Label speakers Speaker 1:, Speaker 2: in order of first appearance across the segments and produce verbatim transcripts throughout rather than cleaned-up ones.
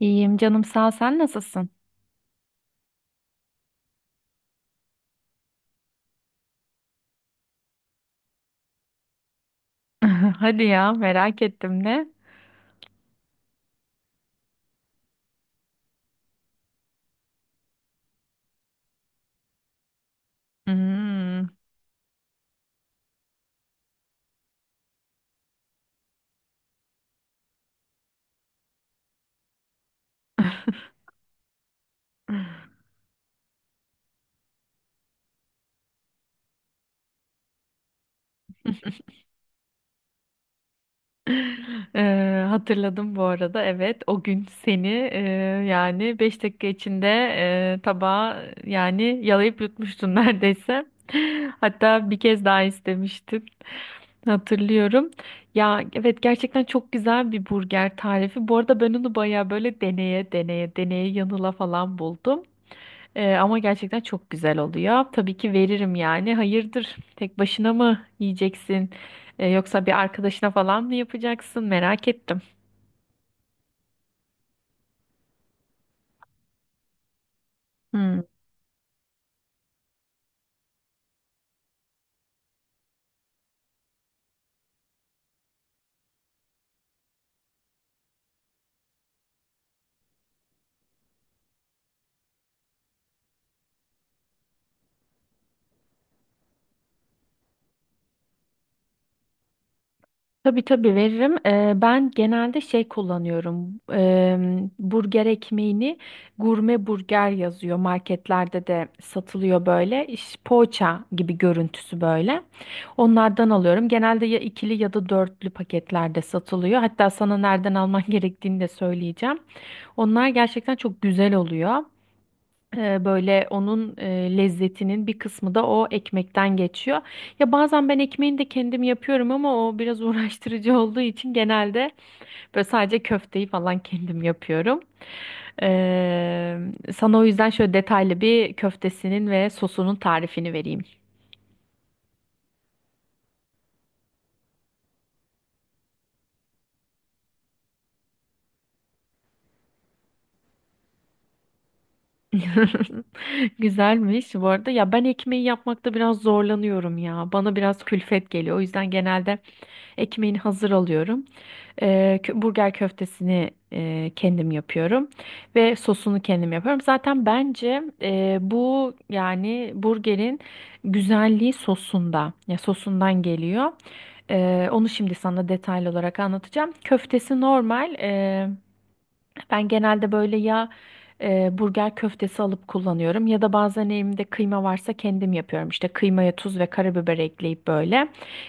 Speaker 1: İyiyim canım sağ ol. Sen nasılsın? Hadi ya merak ettim de. Hmm. Eee, hatırladım bu arada, evet o gün seni eee, yani beş dakika içinde eee, tabağa yani yalayıp yutmuştun neredeyse. Hatta bir kez daha istemiştin, hatırlıyorum. Ya evet, gerçekten çok güzel bir burger tarifi. Bu arada ben onu baya böyle deneye deneye deneye yanıla falan buldum. Ee, ama gerçekten çok güzel oluyor. Tabii ki veririm yani. Hayırdır? Tek başına mı yiyeceksin? Ee, yoksa bir arkadaşına falan mı yapacaksın? Merak ettim. Hmm. Tabii tabii veririm. Ee, ben genelde şey kullanıyorum. Ee, burger ekmeğini gurme burger yazıyor. Marketlerde de satılıyor böyle. İş, poğaça gibi görüntüsü böyle. Onlardan alıyorum. Genelde ya ikili ya da dörtlü paketlerde satılıyor. Hatta sana nereden alman gerektiğini de söyleyeceğim. Onlar gerçekten çok güzel oluyor. Ee, Böyle onun e, lezzetinin bir kısmı da o ekmekten geçiyor. Ya bazen ben ekmeğini de kendim yapıyorum, ama o biraz uğraştırıcı olduğu için genelde böyle sadece köfteyi falan kendim yapıyorum. Ee, sana o yüzden şöyle detaylı bir köftesinin ve sosunun tarifini vereyim. Güzelmiş bu arada. Ya ben ekmeği yapmakta biraz zorlanıyorum ya. Bana biraz külfet geliyor. O yüzden genelde ekmeğini hazır alıyorum. Ee, kö- burger köftesini e, kendim yapıyorum ve sosunu kendim yapıyorum. Zaten bence e, bu yani burgerin güzelliği sosunda, ya sosundan geliyor. Ee, onu şimdi sana detaylı olarak anlatacağım. Köftesi normal. Ben genelde böyle ya e, burger köftesi alıp kullanıyorum ya da bazen elimde kıyma varsa kendim yapıyorum. İşte kıymaya tuz ve karabiber ekleyip böyle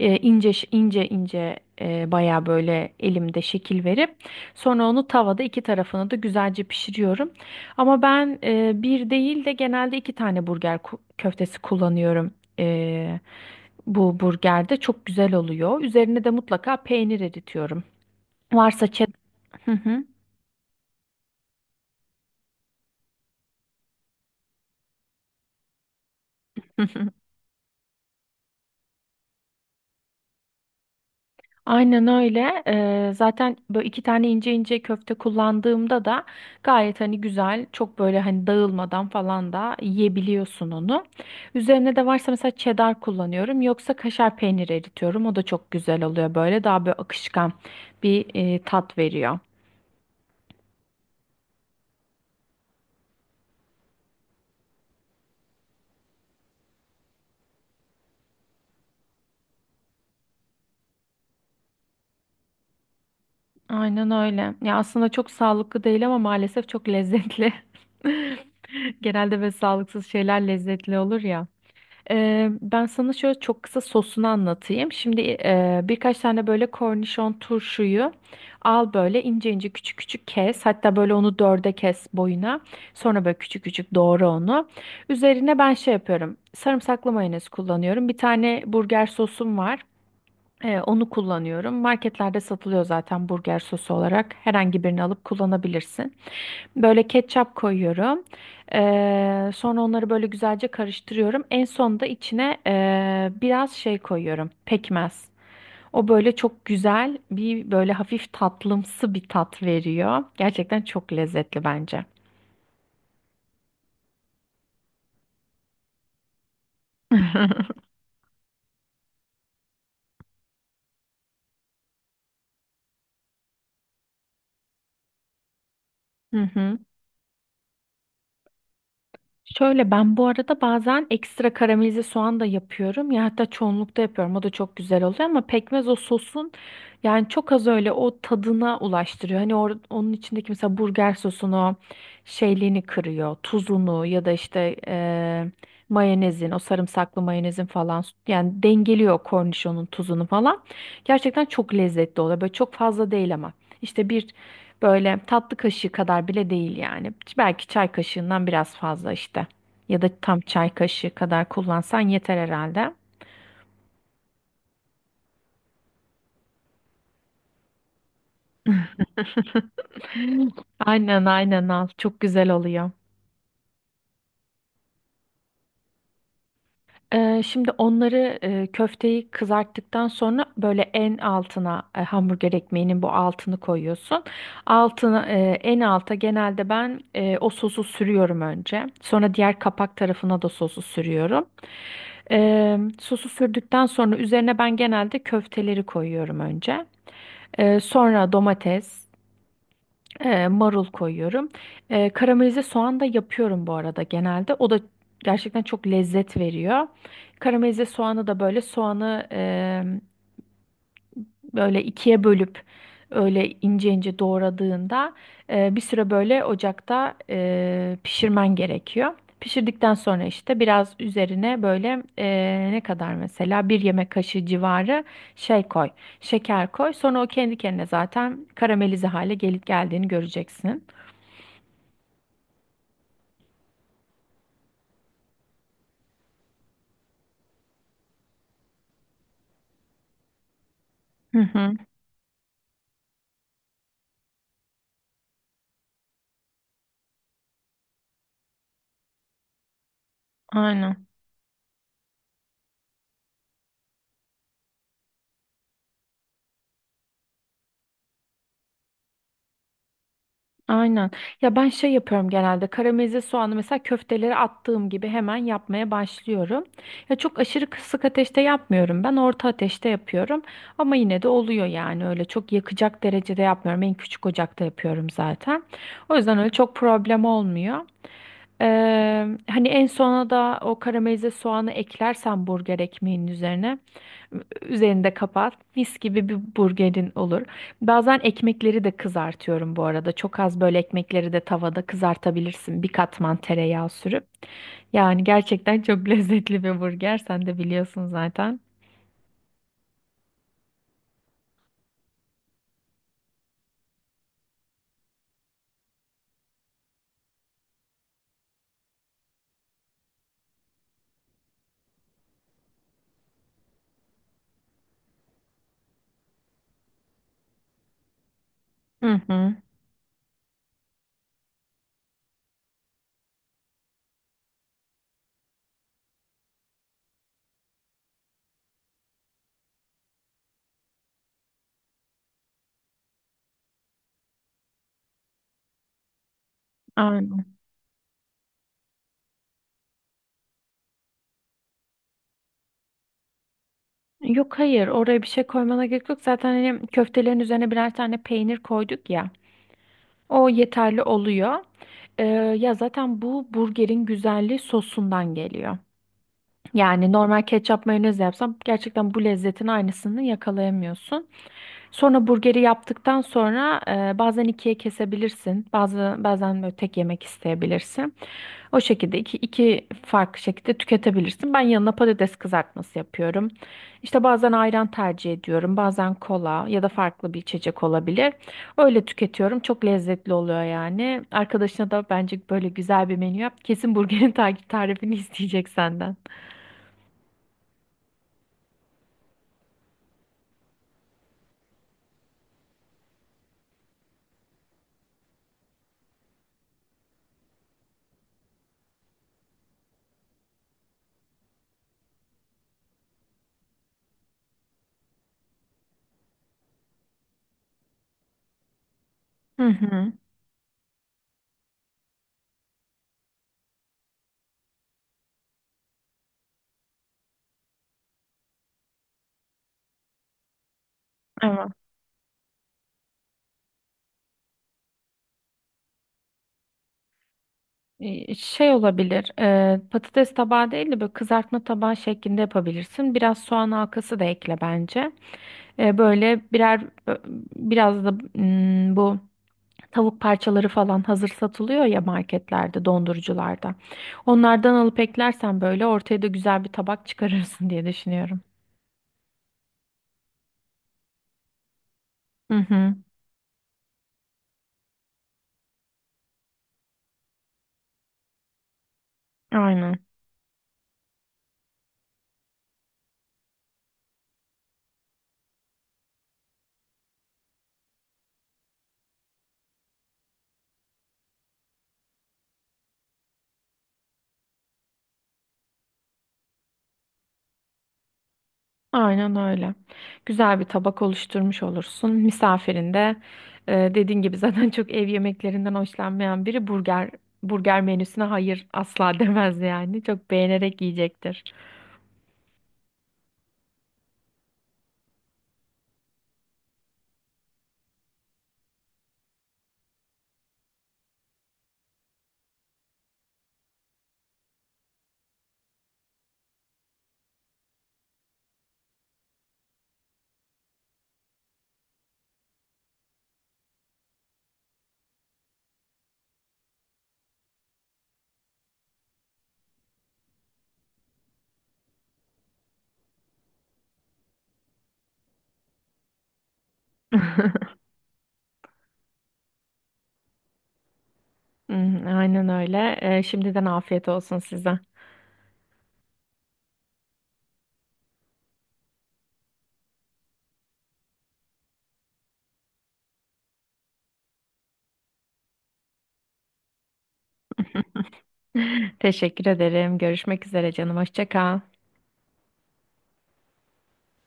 Speaker 1: e, ince ş- ince ince e, bayağı böyle elimde şekil verip sonra onu tavada iki tarafını da güzelce pişiriyorum. Ama ben e, bir değil de genelde iki tane burger ku- köftesi kullanıyorum. E, bu burgerde çok güzel oluyor. Üzerine de mutlaka peynir eritiyorum. Varsa çet... Hı hı. Aynen öyle. Ee, zaten böyle iki tane ince ince köfte kullandığımda da gayet hani güzel, çok böyle hani dağılmadan falan da yiyebiliyorsun onu. Üzerine de varsa mesela cheddar kullanıyorum, yoksa kaşar peyniri eritiyorum. O da çok güzel oluyor, böyle daha böyle akışkan bir e, tat veriyor. Aynen öyle. Ya aslında çok sağlıklı değil, ama maalesef çok lezzetli. Genelde böyle sağlıksız şeyler lezzetli olur ya. Eee, ben sana şöyle çok kısa sosunu anlatayım. Şimdi eee, birkaç tane böyle kornişon turşuyu al, böyle ince ince küçük küçük kes. Hatta böyle onu dörde kes boyuna. Sonra böyle küçük küçük doğra onu. Üzerine ben şey yapıyorum. Sarımsaklı mayonez kullanıyorum. Bir tane burger sosum var. Eee, onu kullanıyorum. Marketlerde satılıyor zaten burger sosu olarak. Herhangi birini alıp kullanabilirsin. Böyle ketçap koyuyorum. Eee, sonra onları böyle güzelce karıştırıyorum. En sonunda içine eee, biraz şey koyuyorum. Pekmez. O böyle çok güzel bir, böyle hafif tatlımsı bir tat veriyor. Gerçekten çok lezzetli bence. Hı hı. Şöyle, ben bu arada bazen ekstra karamelize soğan da yapıyorum. Ya hatta çoğunlukta yapıyorum. O da çok güzel oluyor, ama pekmez o sosun yani çok az öyle o tadına ulaştırıyor. Hani or- onun içindeki mesela burger sosunu şeyliğini kırıyor. Tuzunu ya da işte eee, mayonezin, o sarımsaklı mayonezin falan yani dengeliyor kornişonun tuzunu falan. Gerçekten çok lezzetli oluyor. Böyle çok fazla değil ama. İşte bir, böyle tatlı kaşığı kadar bile değil yani. Belki çay kaşığından biraz fazla işte. Ya da tam çay kaşığı kadar kullansan yeter herhalde. Aynen aynen al. Çok güzel oluyor. Ee, şimdi onları, e, köfteyi kızarttıktan sonra böyle en altına e, hamburger ekmeğinin bu altını koyuyorsun. Altına e, en alta genelde ben e, o sosu sürüyorum önce. Sonra diğer kapak tarafına da sosu sürüyorum. Eee, sosu sürdükten sonra üzerine ben genelde köfteleri koyuyorum önce. Eee, sonra domates, eee, marul koyuyorum. Eee, karamelize soğan da yapıyorum bu arada genelde. O da gerçekten çok lezzet veriyor. Karamelize soğanı da böyle, soğanı böyle ikiye bölüp öyle ince ince doğradığında e, bir süre böyle ocakta e, pişirmen gerekiyor. Pişirdikten sonra işte biraz üzerine böyle e, ne kadar mesela bir yemek kaşığı civarı şey koy, şeker koy. Sonra o kendi kendine zaten karamelize hale gelip geldiğini göreceksin. Hı hı, aynen. Aynen. Ya ben şey yapıyorum genelde. Karamelize soğanı mesela köfteleri attığım gibi hemen yapmaya başlıyorum. Ya çok aşırı kısık ateşte yapmıyorum. Ben orta ateşte yapıyorum. Ama yine de oluyor yani. Öyle çok yakacak derecede yapmıyorum. En küçük ocakta yapıyorum zaten. O yüzden öyle çok problem olmuyor. Eee, hani en sona da o karamelize soğanı eklersen burger ekmeğinin üzerine, üzerini de kapat. Mis gibi bir burgerin olur. Bazen ekmekleri de kızartıyorum bu arada. Çok az böyle ekmekleri de tavada kızartabilirsin. Bir katman tereyağı sürüp. Yani gerçekten çok lezzetli bir burger. Sen de biliyorsun zaten. Hı hı. Aynen. Yok, hayır, oraya bir şey koymana gerek yok. Zaten hani köftelerin üzerine birer tane peynir koyduk ya. O yeterli oluyor. Ee, ya zaten bu burgerin güzelliği sosundan geliyor. Yani normal ketçap mayonez yapsam gerçekten bu lezzetin aynısını yakalayamıyorsun. Sonra burgeri yaptıktan sonra e, bazen ikiye kesebilirsin. Bazı bazen böyle tek yemek isteyebilirsin. O şekilde iki, iki farklı şekilde tüketebilirsin. Ben yanına patates kızartması yapıyorum. İşte bazen ayran tercih ediyorum. Bazen kola ya da farklı bir içecek olabilir. Öyle tüketiyorum. Çok lezzetli oluyor yani. Arkadaşına da bence böyle güzel bir menü yap. Kesin burgerin takip tarifini isteyecek senden. Hı hı. E, şey olabilir, e, patates tabağı değil de böyle kızartma tabağı şeklinde yapabilirsin. Biraz soğan halkası da ekle bence. E, böyle birer, biraz da mm, bu tavuk parçaları falan hazır satılıyor ya marketlerde, dondurucularda. Onlardan alıp eklersen böyle ortaya da güzel bir tabak çıkarırsın diye düşünüyorum. Hı hı, aynen. Aynen öyle. Güzel bir tabak oluşturmuş olursun. Misafirin de e, dediğin gibi zaten çok ev yemeklerinden hoşlanmayan biri, burger burger menüsüne hayır asla demez yani. Çok beğenerek yiyecektir. Hmm, aynen öyle. E, şimdiden afiyet olsun size. Teşekkür ederim. Görüşmek üzere canım. Hoşça kal.